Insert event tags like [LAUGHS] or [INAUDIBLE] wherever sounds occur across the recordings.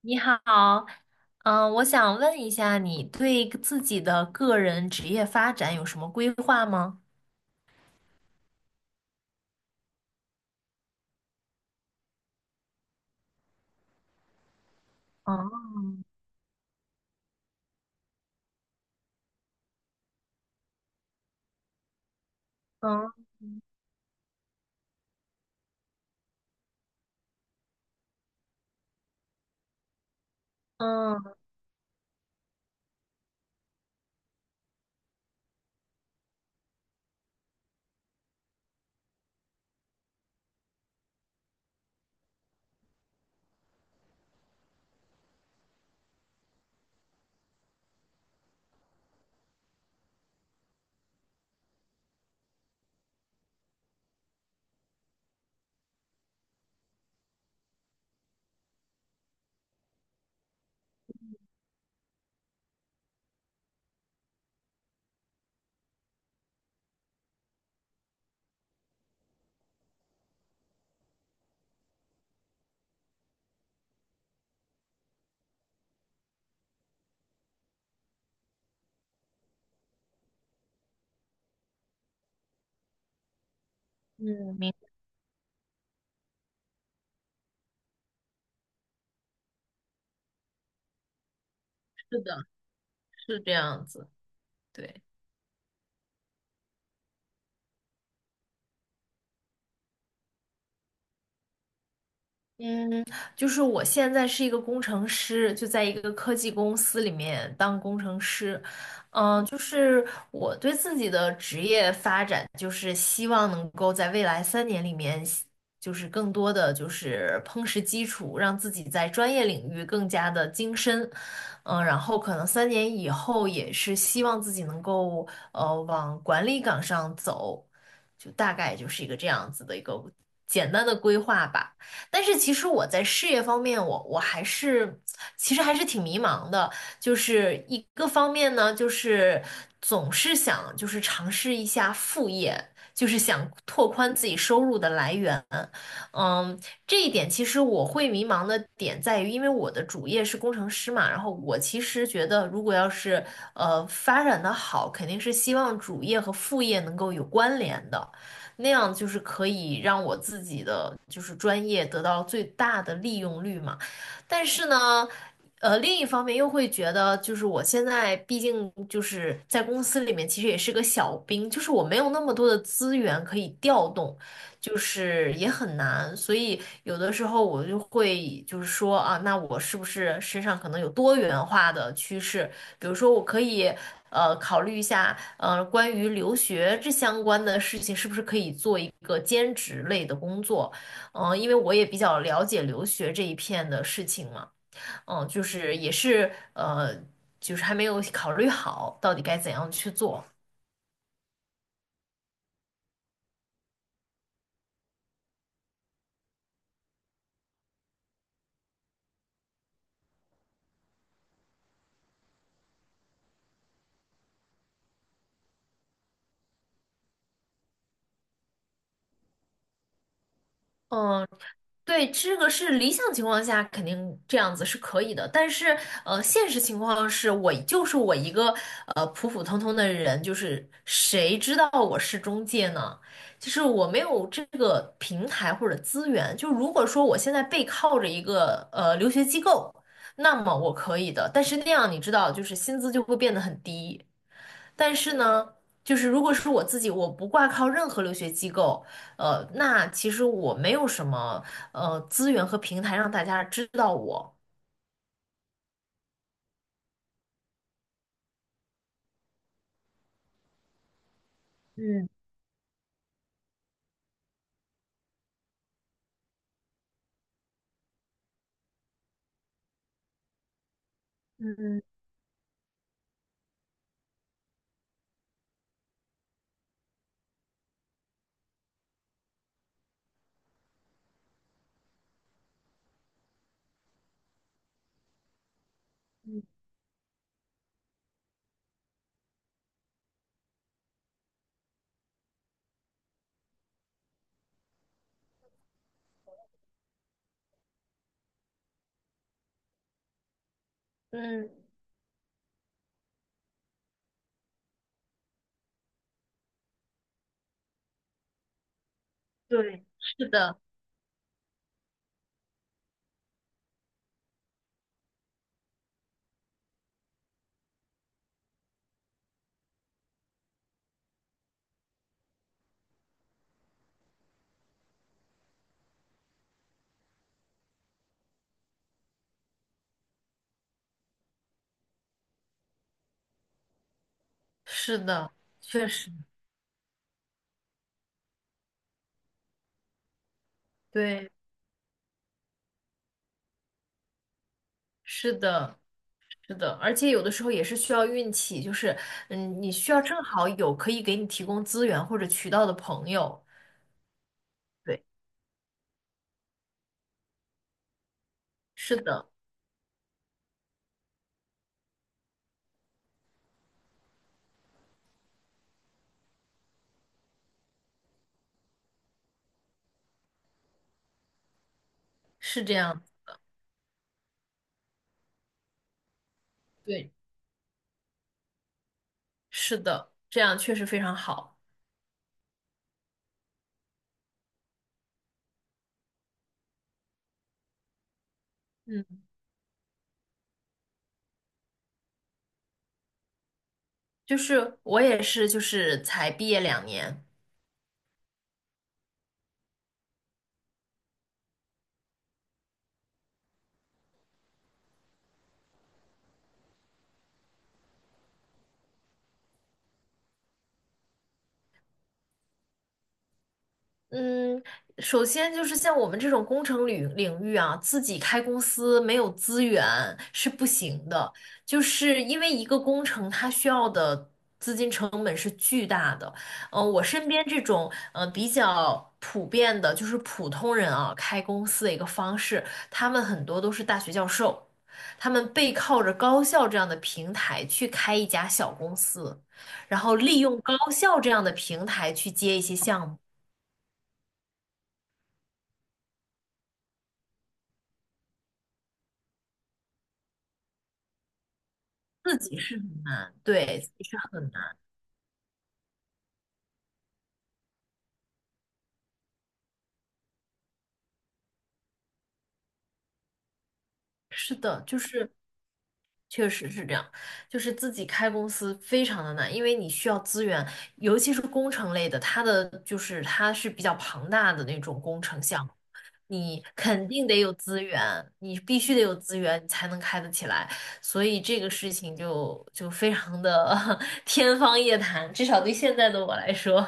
你好，嗯，我想问一下，你对自己的个人职业发展有什么规划吗？哦，嗯嗯，嗯，是的，是这样子，对。嗯，就是我现在是一个工程师，就在一个科技公司里面当工程师。嗯，就是我对自己的职业发展，就是希望能够在未来三年里面，就是更多的就是夯实基础，让自己在专业领域更加的精深。嗯，然后可能三年以后也是希望自己能够往管理岗上走，就大概就是一个这样子的一个简单的规划吧。但是其实我在事业方面，我还是其实还是挺迷茫的。就是一个方面呢，就是总是想就是尝试一下副业，就是想拓宽自己收入的来源。嗯，这一点其实我会迷茫的点在于，因为我的主业是工程师嘛，然后我其实觉得，如果要是发展的好，肯定是希望主业和副业能够有关联的。那样就是可以让我自己的就是专业得到最大的利用率嘛。但是呢，另一方面又会觉得，就是我现在毕竟就是在公司里面，其实也是个小兵，就是我没有那么多的资源可以调动。就是也很难，所以有的时候我就会就是说啊，那我是不是身上可能有多元化的趋势？比如说，我可以考虑一下，关于留学这相关的事情，是不是可以做一个兼职类的工作？嗯、因为我也比较了解留学这一片的事情嘛，嗯、就是也是就是还没有考虑好到底该怎样去做。嗯。对，这个是理想情况下肯定这样子是可以的，但是现实情况是我就是我一个普普通通的人，就是谁知道我是中介呢？就是我没有这个平台或者资源。就如果说我现在背靠着一个留学机构，那么我可以的，但是那样你知道，就是薪资就会变得很低。但是呢，就是如果是我自己，我不挂靠任何留学机构，那其实我没有什么资源和平台让大家知道我。嗯嗯，对，是的，是的，确实，对，是的，是的，而且有的时候也是需要运气，就是嗯，你需要正好有可以给你提供资源或者渠道的朋友。对，是的，是这样，对，是的，这样确实非常好。嗯。就是我也是，就是才毕业两年，嗯，首先就是像我们这种工程领域啊，自己开公司没有资源是不行的，就是因为一个工程它需要的资金成本是巨大的。嗯、我身边这种嗯、比较普遍的，就是普通人啊开公司的一个方式，他们很多都是大学教授，他们背靠着高校这样的平台去开一家小公司，然后利用高校这样的平台去接一些项目。自己是很难，对，自己是很难，是的，就是确实是这样，就是自己开公司非常的难，因为你需要资源，尤其是工程类的，就是它是比较庞大的那种工程项目，你肯定得有资源，你必须得有资源，你才能开得起来，所以这个事情就非常的 [LAUGHS] 天方夜谭，至少对现在的我来说，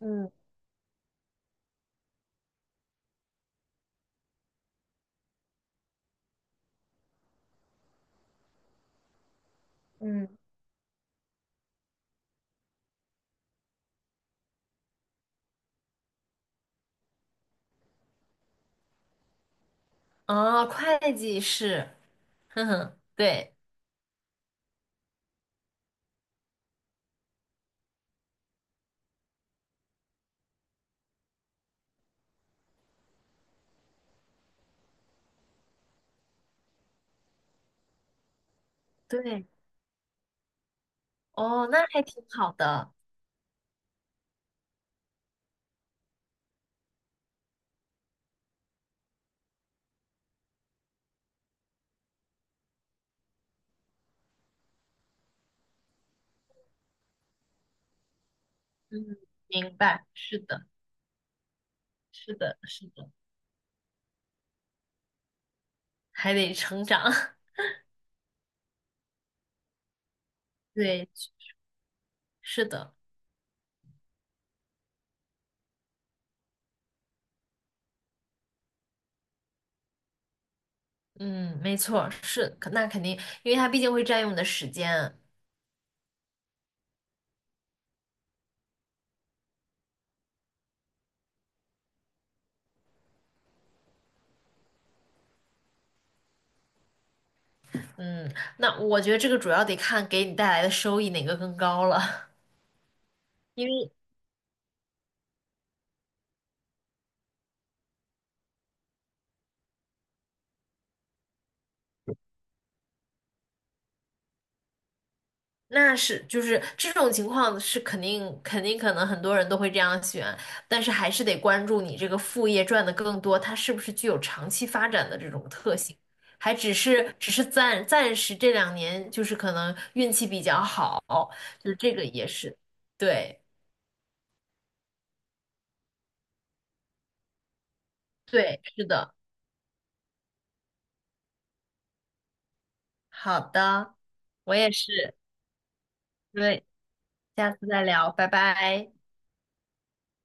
嗯嗯，啊，会计是，[LAUGHS] 哼哼，对。对哦，那还挺好的。嗯，明白，是的，是的，是的，还得成长。[LAUGHS] 对，是的，嗯，没错，是，可那肯定，因为它毕竟会占用你的时间。嗯，那我觉得这个主要得看给你带来的收益哪个更高了，[LAUGHS] 因为那是就是这种情况是肯定可能很多人都会这样选，但是还是得关注你这个副业赚的更多，它是不是具有长期发展的这种特性，还只是暂时这两年就是可能运气比较好，就是这个也是，对对，是的，好的，我也是，对，下次再聊，拜拜。